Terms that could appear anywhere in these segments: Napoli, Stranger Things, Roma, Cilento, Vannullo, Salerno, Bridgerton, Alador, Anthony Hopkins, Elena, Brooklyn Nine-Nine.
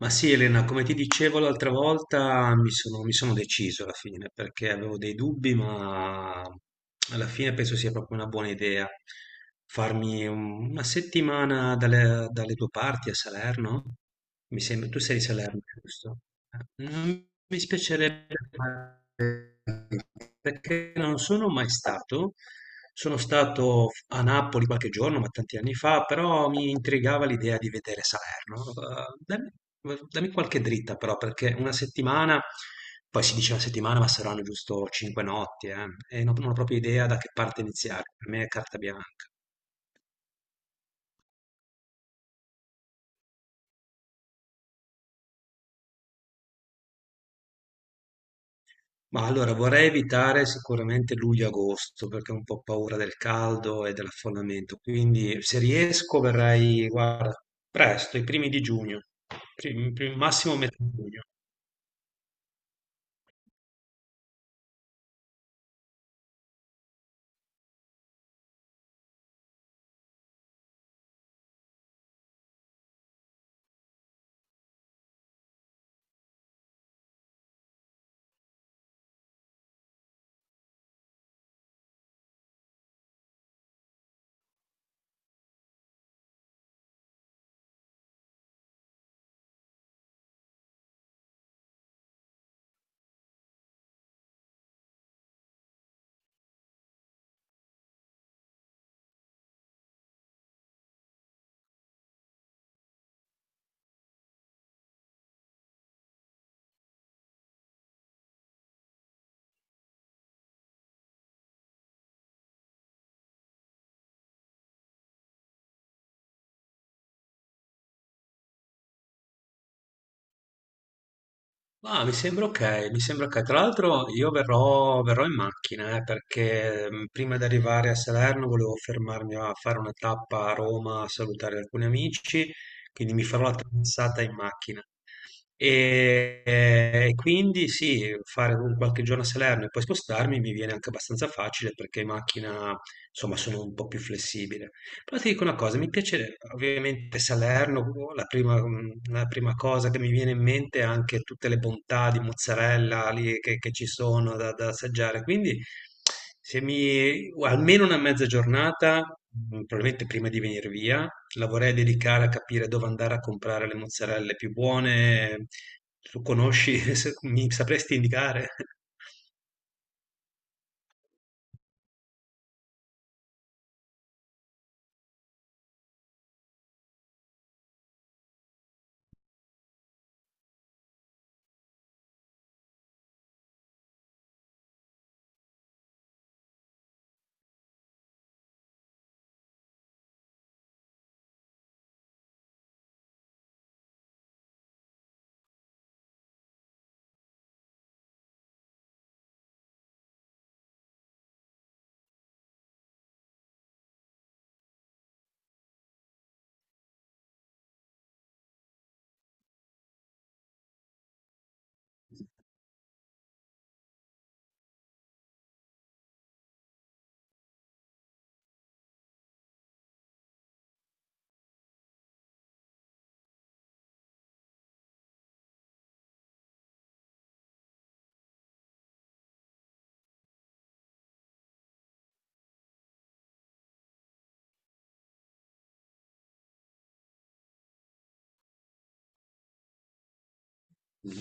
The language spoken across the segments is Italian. Ma sì, Elena, come ti dicevo l'altra volta, mi sono deciso alla fine perché avevo dei dubbi, ma alla fine penso sia proprio una buona idea farmi una settimana dalle tue parti a Salerno. Mi sembra, tu sei di Salerno, giusto? Eh, Non mi spiacerebbe perché non sono mai stato. Sono stato a Napoli qualche giorno, ma tanti anni fa, però mi intrigava l'idea di vedere Salerno. Dammi qualche dritta però, perché una settimana, poi si dice una settimana, ma saranno giusto cinque notti, e non ho proprio idea da che parte iniziare. Per me è carta bianca. Ma allora vorrei evitare sicuramente luglio-agosto perché ho un po' paura del caldo e dell'affollamento, quindi se riesco verrei, guarda, presto, i primi di giugno, massimo metà giugno. Ma mi sembra ok, mi sembra ok. Tra l'altro io verrò in macchina perché prima di arrivare a Salerno volevo fermarmi a fare una tappa a Roma a salutare alcuni amici, quindi mi farò la traversata in macchina. E quindi sì, fare un qualche giorno a Salerno e poi spostarmi mi viene anche abbastanza facile perché in macchina, insomma, sono un po' più flessibile. Però ti dico una cosa, mi piace ovviamente Salerno, la prima, la prima cosa che mi viene in mente è anche tutte le bontà di mozzarella lì che ci sono da assaggiare, quindi se mi, almeno una mezza giornata, probabilmente prima di venire via, la vorrei dedicare a capire dove andare a comprare le mozzarelle più buone. Tu conosci, mi sapresti indicare?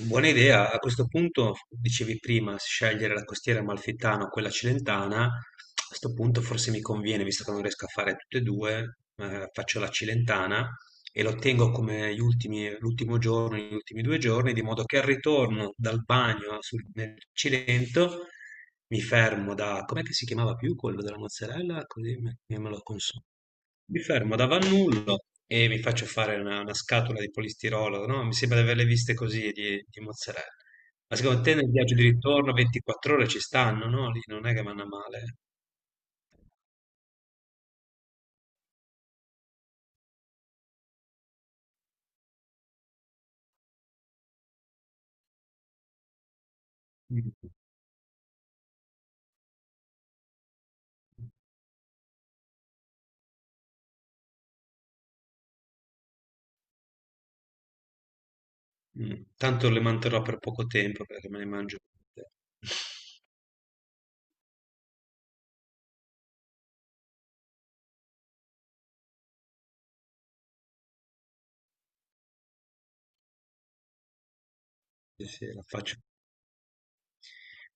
Buona idea. A questo punto, dicevi prima, scegliere la costiera amalfitana o quella cilentana. A questo punto forse mi conviene, visto che non riesco a fare tutte e due, faccio la cilentana e lo tengo come gli ultimi, l'ultimo giorno, gli ultimi due giorni, di modo che al ritorno dal bagno nel Cilento mi fermo da, com'è che si chiamava più quello della mozzarella? Così me, che me lo consumo. Mi fermo da Vannullo e mi faccio fare una scatola di polistirolo, no? Mi sembra di averle viste così di mozzarella. Ma secondo te nel viaggio di ritorno 24 ore ci stanno, no? Lì non è che vanno a male. Eh? Mm. Mm. Tanto le manterrò per poco tempo perché me ne mangio tutte. Sì, sì, la faccio.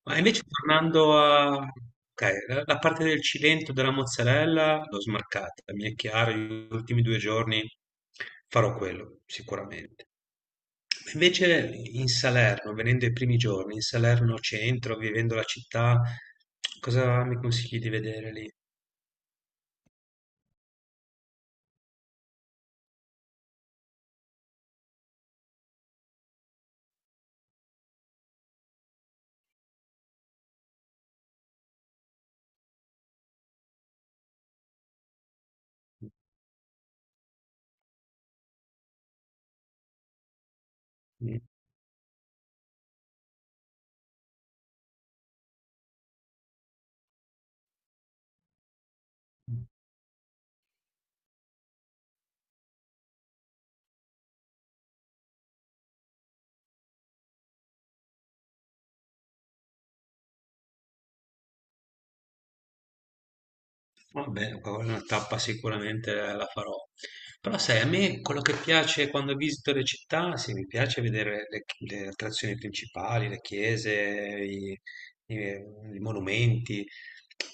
Ma invece tornando a... ok, la parte del Cilento della mozzarella l'ho smarcata, mi è chiaro, gli ultimi due giorni farò quello, sicuramente. Ma invece in Salerno, venendo i primi giorni, in Salerno centro, vivendo la città, cosa mi consigli di vedere lì? Mm, mm. Vabbè, quella è una tappa sicuramente la farò. Però sai, a me quello che piace quando visito le città, sì, mi piace vedere le attrazioni principali, le chiese, i, i- i monumenti,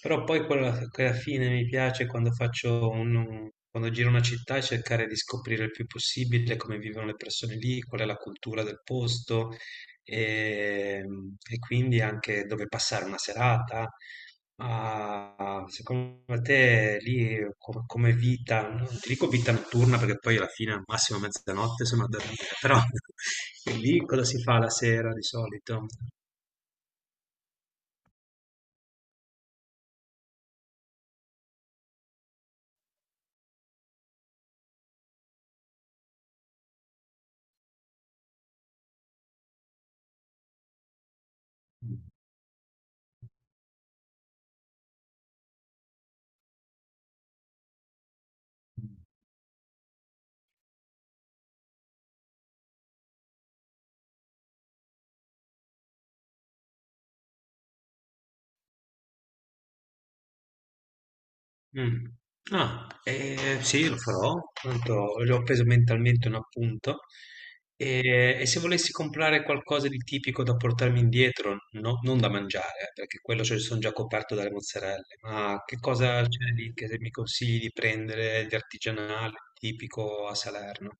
però poi quella che alla fine mi piace quando faccio un, quando giro una città è cercare di scoprire il più possibile come vivono le persone lì, qual è la cultura del posto, e, e quindi anche dove passare una serata. Ma secondo te lì come vita, non ti dico vita notturna perché poi alla fine al massimo mezzanotte sono a dormire, però lì cosa si fa la sera di solito? Mh. Ah, sì lo farò, tanto già ho preso mentalmente un appunto. E se volessi comprare qualcosa di tipico da portarmi indietro, no non da mangiare, perché quello ce son già coperto dalle mozzarelle, ma che cosa c'è lì che mi consigli di prendere di artigianale, tipico a Salerno?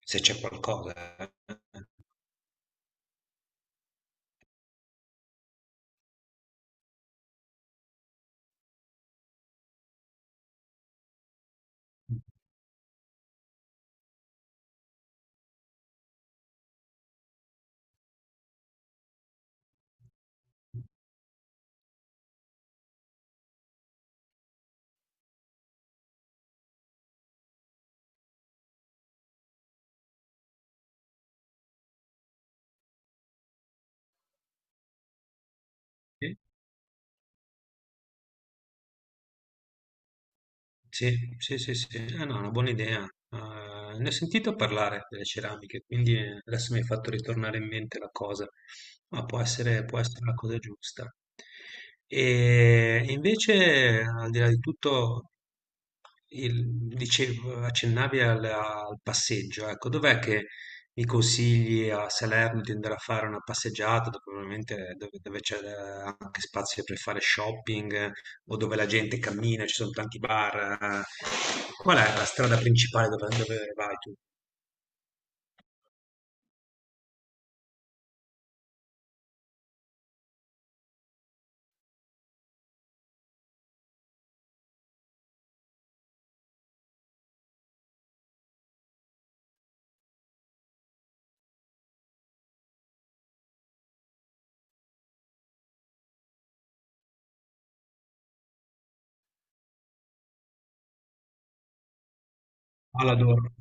Se c'è qualcosa, eh. Sì? Sì, sì, sì, sì. Eh no, è una buona idea. Ne ho sentito parlare delle ceramiche, quindi adesso mi hai fatto ritornare in mente la cosa, ma può essere la cosa giusta. E invece, al di là di tutto, il- dicevo, accennavi al passeggio, ecco, dov'è che mi consigli a Salerno di andare a fare una passeggiata, dove probabilmente dove c'è anche spazio per fare shopping o dove la gente cammina, ci sono tanti bar. Eh. Qual è la strada principale dove, dove vai tu? Alador.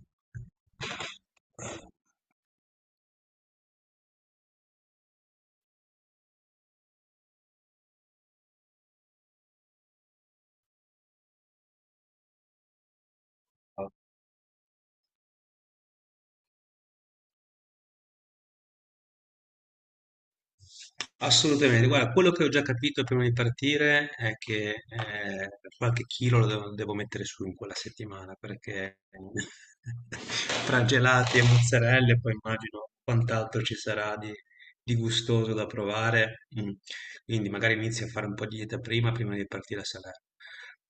Assolutamente, guarda, quello che ho già capito prima di partire è che qualche chilo devo mettere su in quella settimana perché tra gelati e mozzarelle poi immagino quant'altro ci sarà di gustoso da provare. Mm. Quindi magari inizio a fare un po' di dieta prima di partire a Salerno.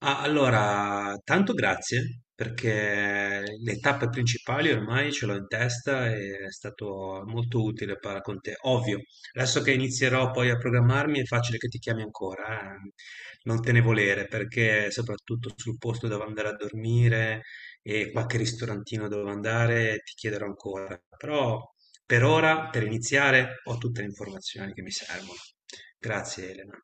Ah, allora, tanto grazie perché le tappe principali ormai ce l'ho in testa e è stato molto utile parlare con te. Ovvio, adesso che inizierò poi a programmarmi è facile che ti chiami ancora, eh. Non te ne volere perché soprattutto sul posto dove andare a dormire e qualche ristorantino dove andare ti chiederò ancora. Però per ora, per iniziare, ho tutte le informazioni che mi servono. Grazie Elena.